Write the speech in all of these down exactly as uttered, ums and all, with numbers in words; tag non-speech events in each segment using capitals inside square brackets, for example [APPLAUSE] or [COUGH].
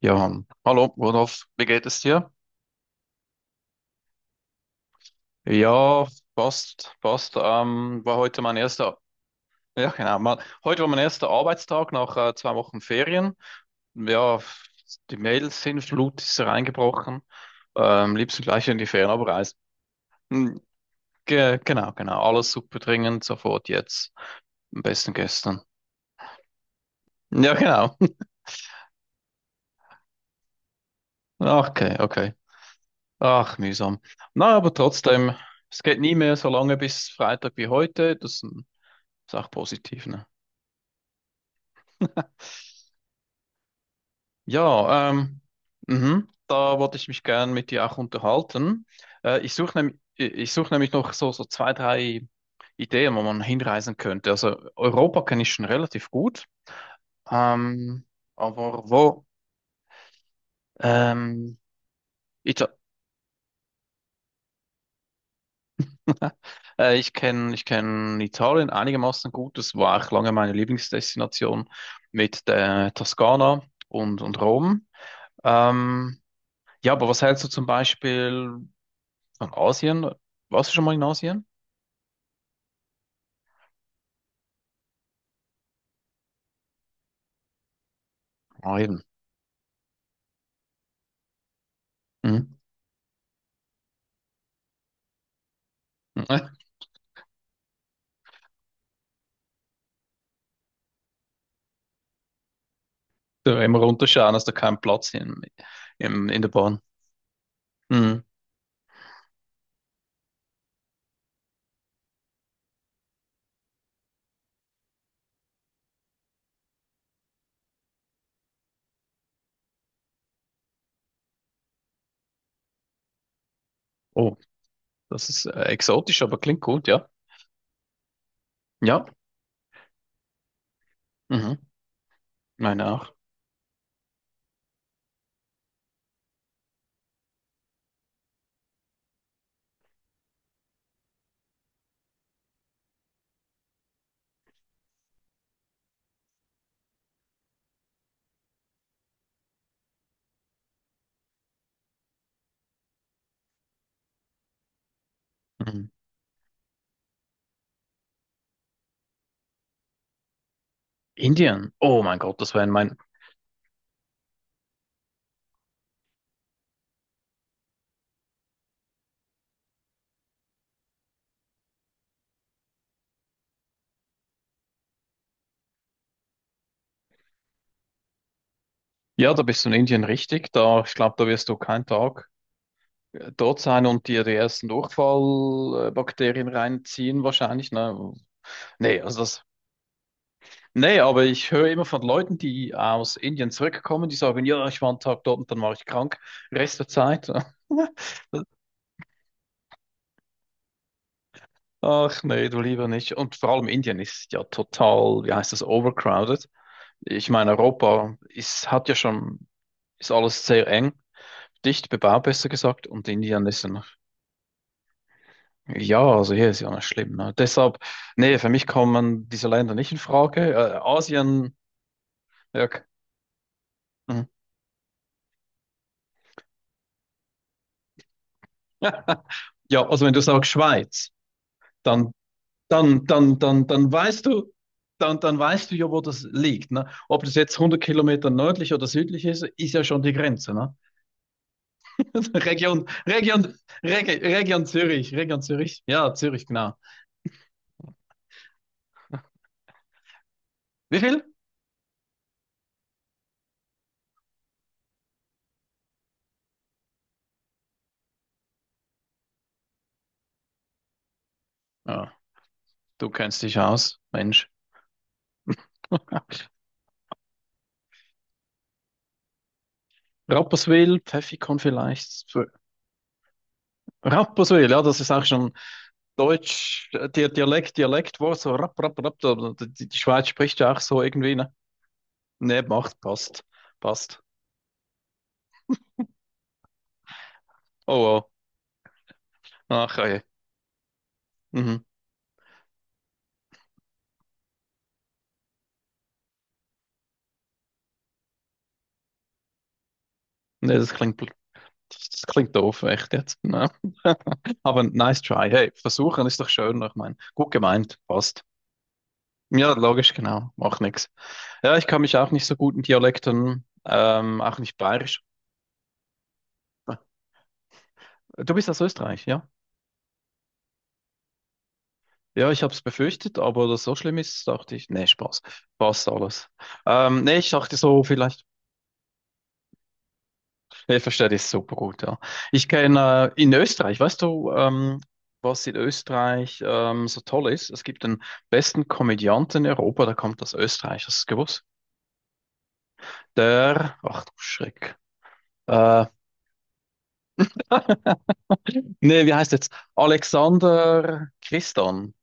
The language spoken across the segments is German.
Ja, hallo, Rudolf, wie geht es dir? Ja, passt, passt. Ähm, war heute mein erster, ja genau, mal, heute war mein erster Arbeitstag nach äh, zwei Wochen Ferien. Ja, die Mails sind Flut, ist reingebrochen. Ähm, liebsten gleich in die Ferien abreisen. Hm, Ge Genau, genau, alles super dringend, sofort jetzt. Am besten gestern. Ja, genau. [LAUGHS] Okay, okay. Ach, mühsam. Na, aber trotzdem, es geht nie mehr so lange bis Freitag wie heute. Das ist ein- ist auch positiv, ne? Ja, ähm, mhm, da wollte ich mich gern mit dir auch unterhalten. Äh, ich suche nämlich, ich suche nämlich noch so, so zwei, drei Ideen, wo man hinreisen könnte. Also Europa kenne ich schon relativ gut, ähm, aber wo? Ähm, Ita [LAUGHS] äh, ich kenne, ich kenne Italien einigermaßen gut. Das war auch lange meine Lieblingsdestination mit der Toskana und und Rom. Ähm, ja, aber was hältst du zum Beispiel? Und Asien, warst du schon mal in Asien? Ah, eben. Mhm. [LAUGHS] Da immer runterschauen, hast du keinen Platz in, in, in der Bahn. Mhm. Oh, das ist äh, exotisch, aber klingt gut, ja. Ja, mhm. Meine auch. Mhm. Indien. Oh mein Gott, das war in mein. Ja, da bist du in Indien richtig. Da, ich glaube, da wirst du keinen Tag äh, dort sein und dir die ersten Durchfallbakterien reinziehen, wahrscheinlich. Ne? Nee, also das. Nee, aber ich höre immer von Leuten, die aus Indien zurückkommen, die sagen, ja, ich war einen Tag dort und dann war ich krank, Rest der Zeit. [LAUGHS] Ach nee, du lieber nicht. Und vor allem Indien ist ja total, wie heißt das, overcrowded. Ich meine, Europa ist, hat ja schon, ist alles sehr eng, dicht bebaut, besser gesagt, und Indien ist ein, ja, also hier ist ja nicht schlimm. Ne? Deshalb, nee, für mich kommen diese Länder nicht in Frage. Äh, Asien, ja, k-, mhm. [LAUGHS] Ja, also wenn du sagst Schweiz, dann dann, dann, dann, dann weißt du, dann, dann weißt du ja, wo das liegt. Ne? Ob das jetzt hundert Kilometer nördlich oder südlich ist, ist ja schon die Grenze. Ne? [LAUGHS] Region, Region, Reg- Region Zürich, Region Zürich. Ja, Zürich, genau. Wie viel? Ja, du kennst dich aus, Mensch. [LAUGHS] Rapperswil, Pfäffikon vielleicht. So, Rapperswil, ja, das ist auch schon Deutsch, äh, Di- Dialekt, Dialektwort, so rapp, rapp, rapp. Da- da- Die, die Schweiz spricht ja auch so irgendwie, ne? Ne, macht, passt, passt. Oh, wow. Ach, ja. Mhm. Nee, das klingt, bl-, das klingt doof, echt jetzt, ne. [LAUGHS] Aber nice try. Hey, versuchen ist doch schön, ich meine. Gut gemeint, passt. Ja, logisch, genau. Macht nichts. Ja, ich kann mich auch nicht so gut in Dialekten, ähm, auch nicht bayerisch. Du bist aus Österreich, ja? Ja, ich habe es befürchtet, aber dass so schlimm ist, dachte ich, nee, Spaß. Passt alles. Ähm, nee, ich dachte so, vielleicht. Ich verstehe das super gut, ja. Ich kenne äh, in Österreich, weißt du, ähm, was in Österreich ähm, so toll ist? Es gibt den besten Komödianten in Europa, der kommt aus Österreich, hast du es gewusst? Der, ach du Schreck. Äh, nee, wie heißt jetzt? Alexander Christan.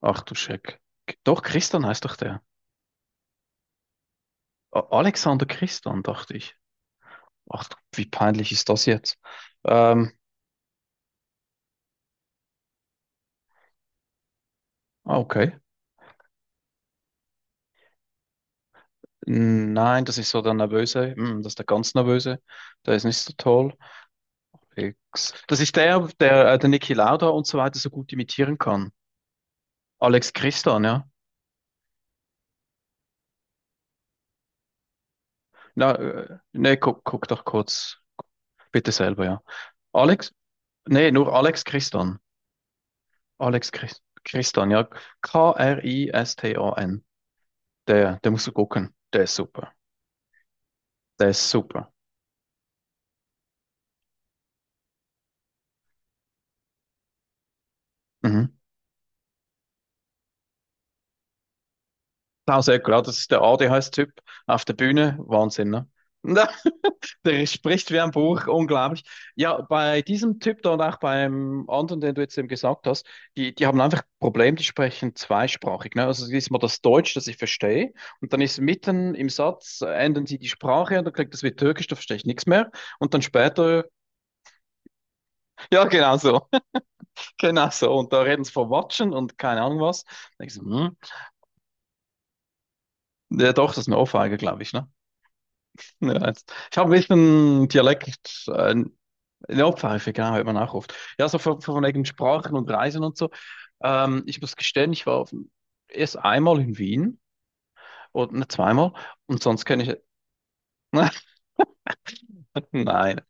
Ach du Schreck. Doch, Christan heißt doch der. A- Alexander Christan, dachte ich. Ach, du, wie peinlich ist das jetzt? Ähm, ah, okay. Nein, das ist so der Nervöse. Hm, das ist der ganz Nervöse. Der ist nicht so toll. X. Das ist der, der, äh, der Niki Lauda und so weiter so gut imitieren kann. Alex Christian, ja. Na, äh, nee, guck, guck doch kurz, bitte selber, ja. Alex, nee, nur Alex Christian. Alex Christ Christian, ja. K-R-I-S-T-A-N. Der, der musst du gucken. Der ist super. Der ist super. Mhm. Klaus Eckler, das ist der A D H S-Typ auf der Bühne. Wahnsinn, ne? [LAUGHS] Der spricht wie ein Buch, unglaublich. Ja, bei diesem Typ da und auch beim anderen, den du jetzt eben gesagt hast, die, die haben einfach ein Problem, die sprechen zweisprachig. Ne? Also es ist mal das Deutsch, das ich verstehe, und dann ist mitten im Satz, äh, ändern sie die Sprache und dann klingt das wie Türkisch, da verstehe ich nichts mehr. Und dann später, [LAUGHS] ja, genau so, [LAUGHS] genau so. Und da reden sie von Watschen und keine Ahnung was. Da denk ich so, hm. Ja, doch, das ist eine Ohrfeige, glaube ich. Ne? Ja, jetzt. Ich habe ein bisschen Dialekt, äh. Ja, Pfeife, genau, hört man auch oft. Ja, so von, von wegen Sprachen und Reisen und so. Ähm, ich muss gestehen, ich war auf, erst einmal in Wien und ne, zweimal und sonst kenne ich. [LAUGHS] Nein.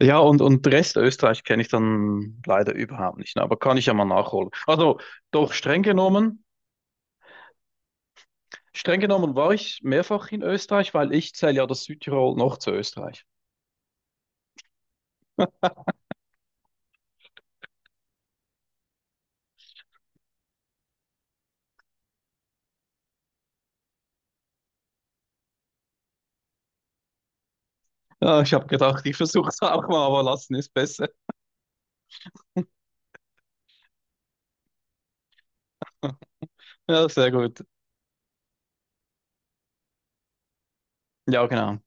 Ja, und, und Rest Österreich kenne ich dann leider überhaupt nicht, ne, aber kann ich ja mal nachholen. Also, doch streng genommen, streng genommen war ich mehrfach in Österreich, weil ich zähle ja das Südtirol noch zu Österreich. Ja, ich habe gedacht, ich versuche es auch mal, aber lassen ist besser. Ja, sehr gut. Ja, genau.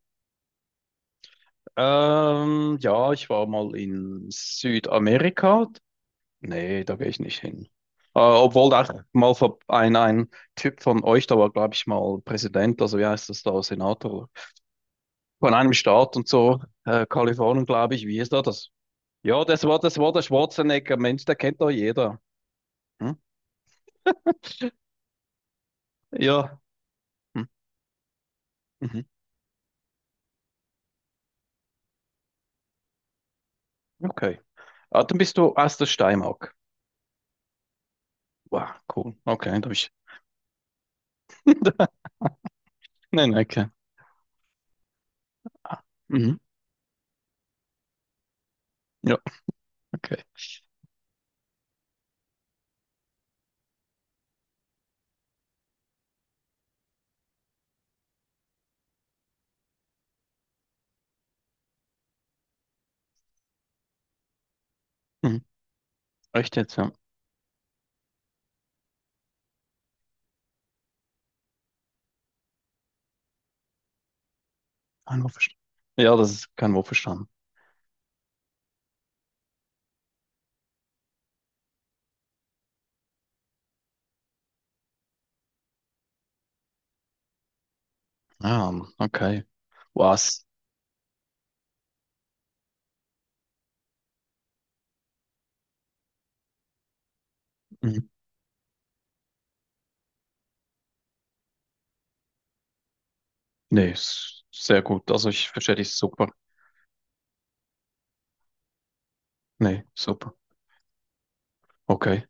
Ähm, ja, ich war mal in Südamerika. Nee, da gehe ich nicht hin. Äh, obwohl da mal vor- ein, ein Typ von euch, da war, glaube ich, mal Präsident, also wie heißt das da, Senator von einem Staat und so, äh, Kalifornien, glaube ich, wie ist da das? Ja, das war, das war der Schwarzenegger, Mensch, der kennt doch jeder. Hm? Ja. Hm. Mhm. Okay. Ah, dann bist du aus der Steiermark. Wow, cool. Okay, da hab ich. [LAUGHS] Nein, okay. Mhm. Ja, okay. Mhm. Echt jetzt, ja. Kein Wurfverstand. Ja, das ist kein Wurfverstand. Ah, okay. Was? Mhm. Nee, ist sehr gut. Also ich verstehe dich super. Nee, super. Okay.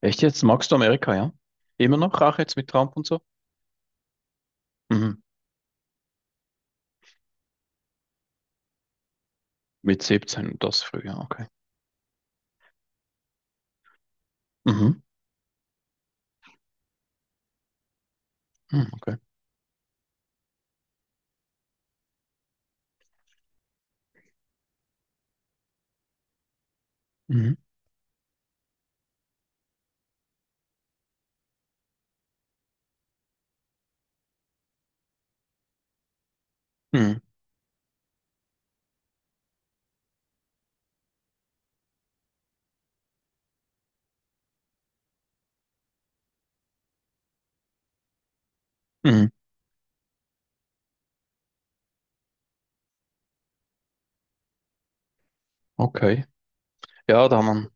Echt jetzt? Magst du Amerika, ja? Immer noch, auch jetzt mit Trump und so? Mhm. Mit 17, das früher, okay. Mhm. Mhm, okay. Mhm. Mhm. Mhm. Okay. Ja, da haben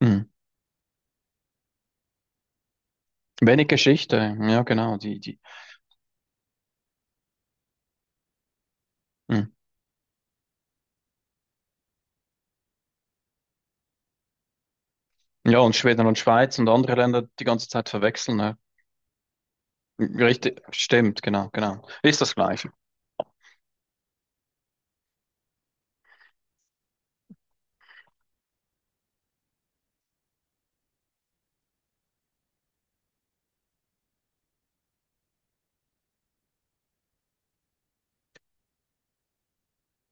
wir mhm. Wenig Geschichte. Ja, genau. Die, die. Mhm. Ja, und Schweden und Schweiz und andere Länder die ganze Zeit verwechseln. Ne? Richtig, stimmt, genau, genau. Ist das gleich.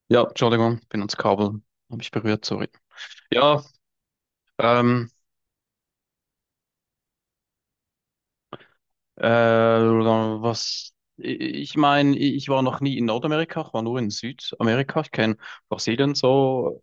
Ja, Entschuldigung, bin ans Kabel, habe ich berührt, sorry. Ja, ähm, äh, was, ich meine, ich war noch nie in Nordamerika, ich war nur in Südamerika. Ich kenne Brasilien so,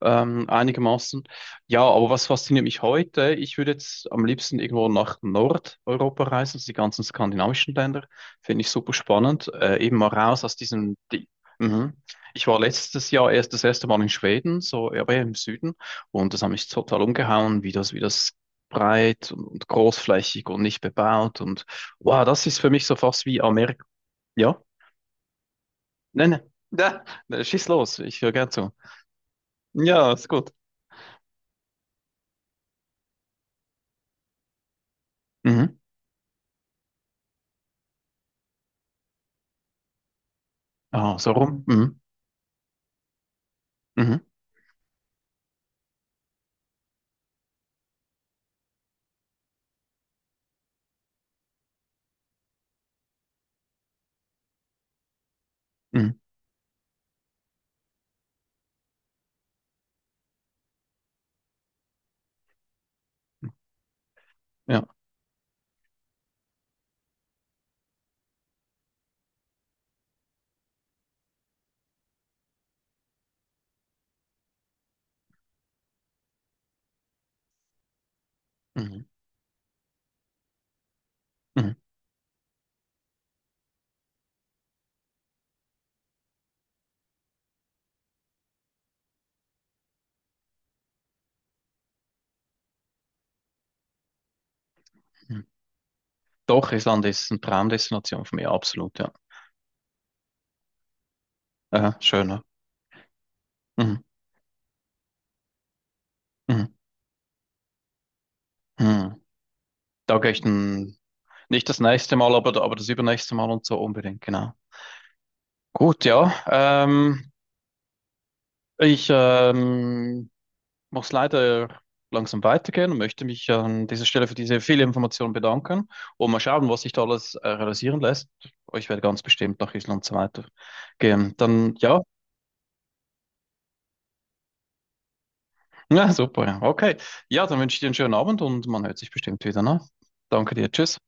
ähm, einigermaßen. Ja, aber was fasziniert mich heute? Ich würde jetzt am liebsten irgendwo nach Nordeuropa reisen, also die ganzen skandinavischen Länder. Finde ich super spannend. Äh, eben mal raus aus diesem. Di mhm. Ich war letztes Jahr erst das erste Mal in Schweden, so ja, aber eher im Süden, und das hat mich total umgehauen, wie das, wie das breit und, und großflächig und nicht bebaut und wow, das ist für mich so fast wie Amerika. Ja, nein, nein, [LAUGHS] ja, schieß los, ich höre gern zu. Ja, ist gut. Mhm. Ah, so rum. Mhm. Mhm. Mhm. Ja. Mhm. Mhm. Mhm. Doch, Island ist eine Traumdestination für mich, absolut, ja. Äh, schöner. Mhm. Mhm. Mhm. Da gehe ich dann nicht das nächste Mal, aber, aber das übernächste Mal und so unbedingt, genau. Gut, ja. Ähm, ich ähm, muss leider langsam weitergehen und möchte mich an dieser Stelle für diese viele Informationen bedanken und mal schauen, was sich da alles äh, realisieren lässt. Ich werde ganz bestimmt nach Island so weitergehen. Dann ja, ja, super, ja. Okay. Ja, dann wünsche ich dir einen schönen Abend und man hört sich bestimmt wieder, ne? Danke dir. Tschüss.